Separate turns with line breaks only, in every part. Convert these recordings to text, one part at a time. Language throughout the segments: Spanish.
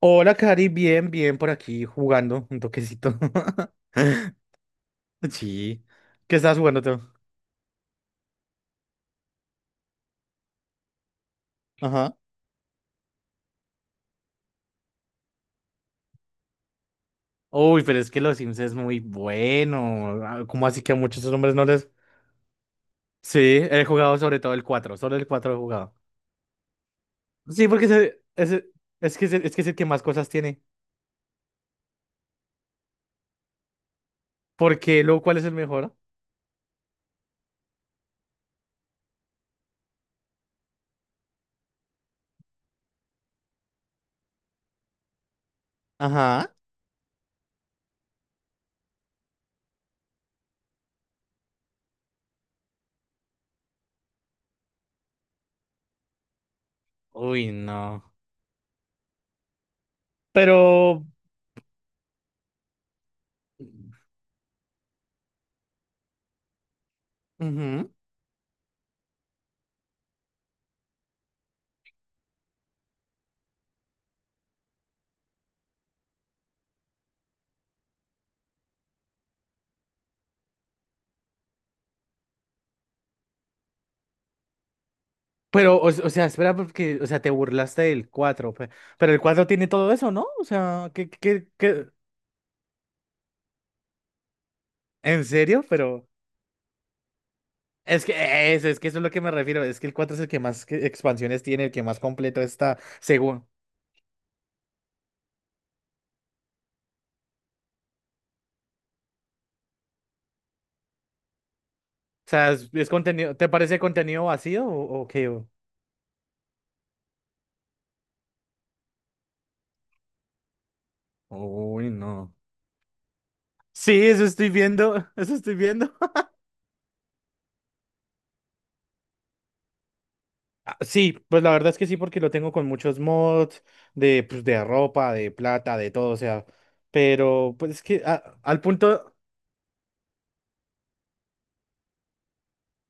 Hola, Cari, bien, bien por aquí jugando un toquecito. Sí. ¿Qué estás jugando tú? Ajá. Uy, pero es que los Sims es muy bueno. Ah, ¿cómo así que a muchos hombres no les...? Sí, he jugado sobre todo el 4, solo el 4 he jugado. Sí, porque es que es el que más cosas tiene. Porque luego, ¿cuál es el mejor? Ajá. Uy, no. Pero... Ujú. Pero, o sea, espera, porque, o sea, te burlaste del 4 pero el 4 tiene todo eso, ¿no? O sea, ¿qué? ¿En serio? Pero es que eso es lo que me refiero, es que el 4 es el que más expansiones tiene, el que más completo está, según. O sea, es contenido, ¿te parece contenido vacío o qué? Uy, no. Sí, eso estoy viendo, eso estoy viendo. Ah, sí, pues la verdad es que sí, porque lo tengo con muchos mods de, pues, de ropa, de plata, de todo, o sea, pero pues es que al punto...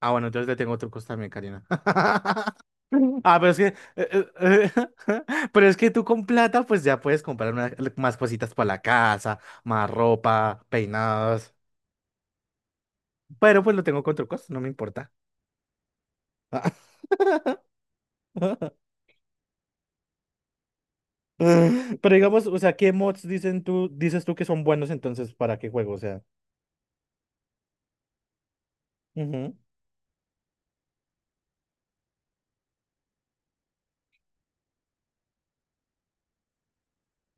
Ah, bueno, entonces le tengo trucos también, Karina. Ah, pero es que, eh, eh, pero es que tú con plata, pues ya puedes comprar más cositas para la casa, más ropa, peinados. Pero pues lo tengo con trucos, no me importa. Ah. Pero digamos, o sea, ¿qué mods dices tú que son buenos entonces para qué juego? O sea, ujú.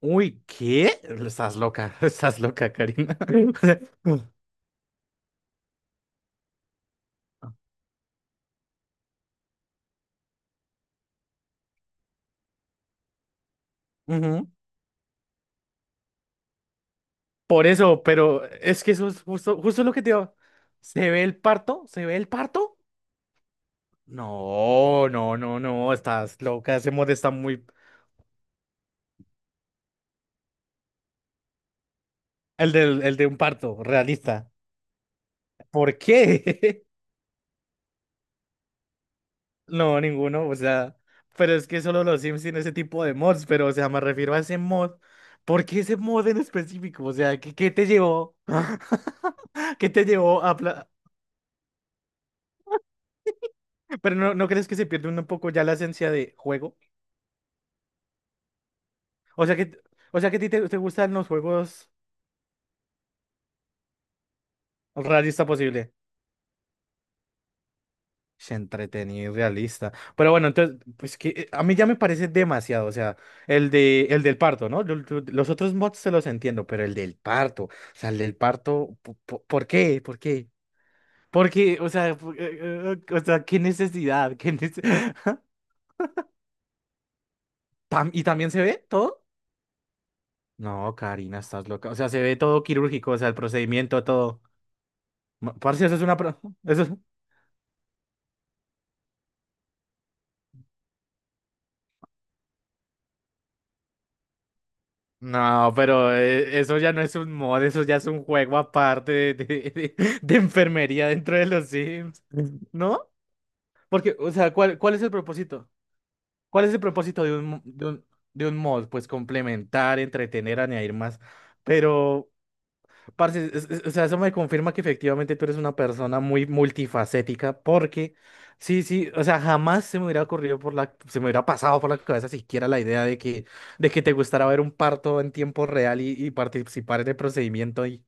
Uy, ¿qué? Estás loca, estás loca, Karina. O sea, ujú. Por eso, pero es que eso es justo, justo lo que te digo. ¿Se ve el parto? ¿Se ve el parto? No, no, no, no, estás loca, ese mod está muy... El de, el de un parto, realista. ¿Por qué? No, ninguno, o sea, pero es que solo los Sims tienen ese tipo de mods, pero, o sea, me refiero a ese mod. ¿Por qué ese mod en específico? O sea, ¿qué te llevó? ¿Qué te llevó a... Pero no, ¿no crees que se pierde un poco ya la esencia de juego? O sea que, o sea que a ti te gustan los juegos realista posible. Es entretenido y realista. Pero bueno, entonces, pues que a mí ya me parece demasiado. O sea, el del parto, ¿no? Los otros mods se los entiendo, pero el del parto. O sea, el del parto, ¿por qué? ¿Por qué? Porque, o sea, o sea, qué necesidad, qué ¿y también se ve todo? No, Karina, estás loca. O sea, se ve todo quirúrgico, o sea, el procedimiento, todo. Parce, eso es una... Eso, no, pero eso ya no es un mod, eso ya es un juego aparte de de enfermería dentro de los Sims, ¿no? Porque, o sea, ¿cuál es el propósito? ¿Cuál es el propósito de un, mo- de un mod? Pues complementar, entretener, añadir más. Pero Parce, o sea, eso me confirma que efectivamente tú eres una persona muy multifacética, porque sí, sí, o sea, jamás se me hubiera ocurrido se me hubiera pasado por la cabeza siquiera la idea de que te gustara ver un parto en tiempo real y, participar en el procedimiento y,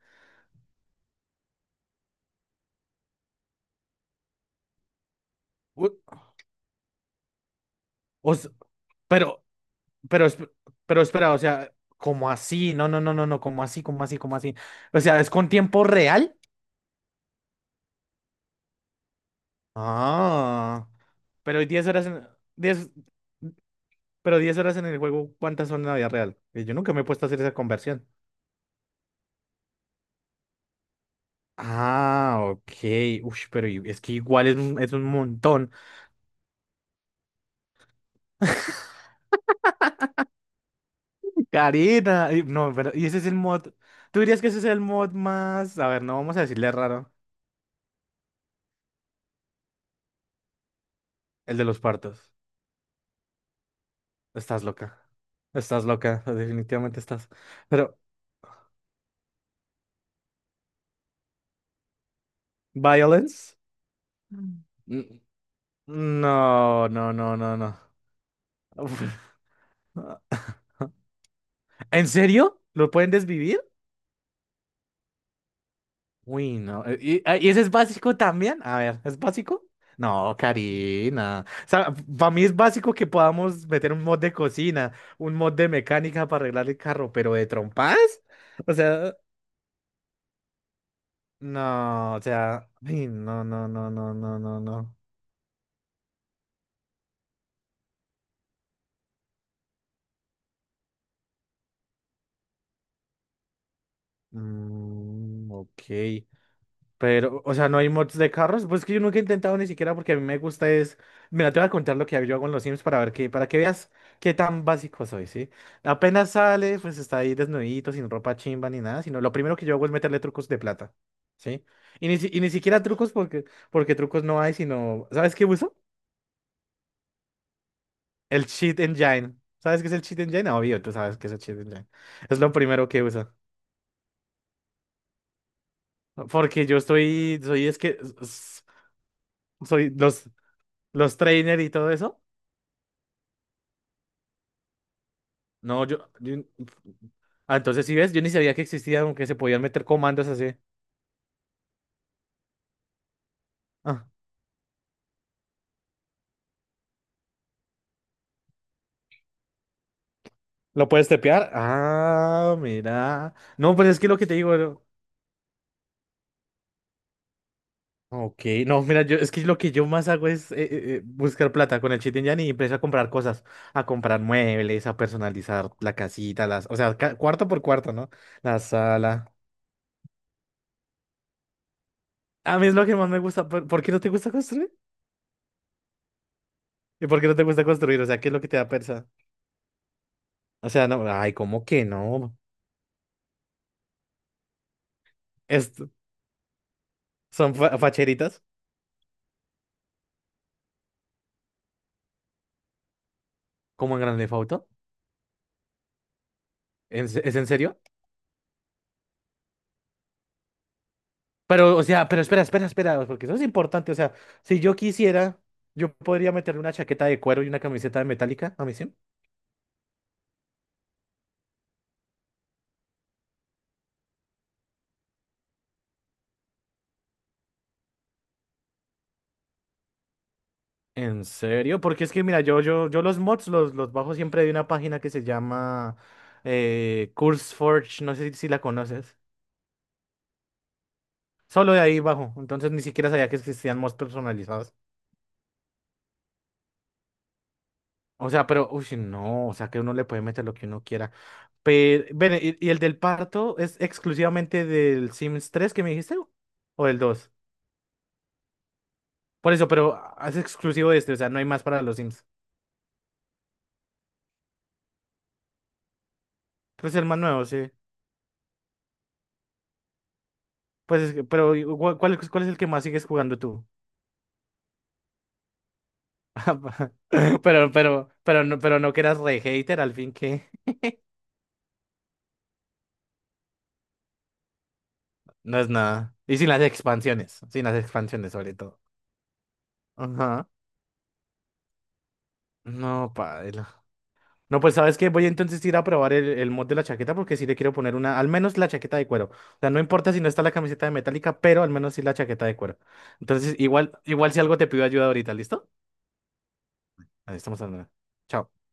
u- o s- pero, pero, esp- pero espera, o sea, ¿cómo así? No, no, no, no, no, ¿cómo así? ¿Cómo así? ¿Cómo así? O sea, ¿es con tiempo real? Ah, pero 10 horas, 10. Pero 10 horas en el juego, ¿cuántas son en la vida real? Yo nunca me he puesto a hacer esa conversión. Ah, ok. Uy, pero es que igual es un montón. Karina. No, pero, y ese es el mod. ¿Tú dirías que ese es el mod más... A ver, no vamos a decirle raro. El de los partos. Estás loca. Estás loca. Definitivamente estás. Pero, ¿violence? Mm. N- No, no, no, no, no. Uf. ¿En serio? ¿Lo pueden desvivir? Uy, no. ¿Y, ¿y ese es básico también? A ver, ¿es básico? No, Karina. O sea, para mí es básico que podamos meter un mod de cocina, un mod de mecánica para arreglar el carro, pero de trompas. O sea, no, o sea, ay, no, no, no, no, no, no, no. Mm, ok. Pero, o sea, no hay mods de carros. Pues que yo nunca he intentado ni siquiera porque a mí me gusta es. Mira, te voy a contar lo que yo hago en los Sims para que veas qué tan básico soy, ¿sí? Apenas sale, pues está ahí desnudito, sin ropa chimba ni nada, sino lo primero que yo hago es meterle trucos de plata, ¿sí? Y ni siquiera trucos porque, trucos no hay, sino. ¿Sabes qué uso? El Cheat Engine. ¿Sabes qué es el Cheat Engine? Ah, obvio, tú sabes qué es el Cheat Engine. Es lo primero que uso. Porque yo estoy, soy, es que, soy los trainer y todo eso. No, ah, entonces si ves, yo ni sabía que existía, aunque se podían meter comandos así. Ah, ¿lo puedes tepear? Ah, mira. No, pues es que lo que te digo. Ok, no, mira, yo, es que lo que yo más hago es buscar plata con el Cheat Engine y empiezo a comprar cosas, a comprar muebles, a personalizar la casita, o sea, cuarto por cuarto, ¿no? La sala. A mí es lo que más me gusta. ¿Por qué no te gusta construir? ¿Y por qué no te gusta construir? O sea, ¿qué es lo que te da pereza? O sea, no, ay, ¿cómo que no? Esto, ¿son facheritas? Como en Grand Theft Auto. ¿Es en serio? Pero, o sea, pero espera, espera, espera, porque eso es importante. O sea, si yo quisiera, yo podría meterle una chaqueta de cuero y una camiseta de metálica a mi sim. ¿En serio? Porque es que, mira, yo los mods los bajo siempre de una página que se llama CurseForge, no sé si la conoces. Solo de ahí bajo. Entonces ni siquiera sabía que existían mods personalizados. O sea, pero, uy, sí, no, o sea que uno le puede meter lo que uno quiera. Pero, ven, ¿y el del parto es exclusivamente del Sims 3 que me dijiste? ¿O del dos? Por eso, pero es exclusivo de este, o sea, no hay más para los Sims. Pues el más nuevo, sí. Pues, pero, ¿y ¿cuál, cuál es el que más sigues jugando tú? Pero, pero no que eras re hater, al fin que no es nada. Y sin las expansiones, sin las expansiones sobre todo. Ajá. No, padre. No, pues sabes que voy entonces a ir a probar el mod de la chaqueta porque sí le quiero poner una, al menos la chaqueta de cuero. O sea, no importa si no está la camiseta de metálica, pero al menos sí la chaqueta de cuero. Entonces, igual, igual si algo te pido ayuda ahorita, ¿listo? Ahí estamos hablando. Chao.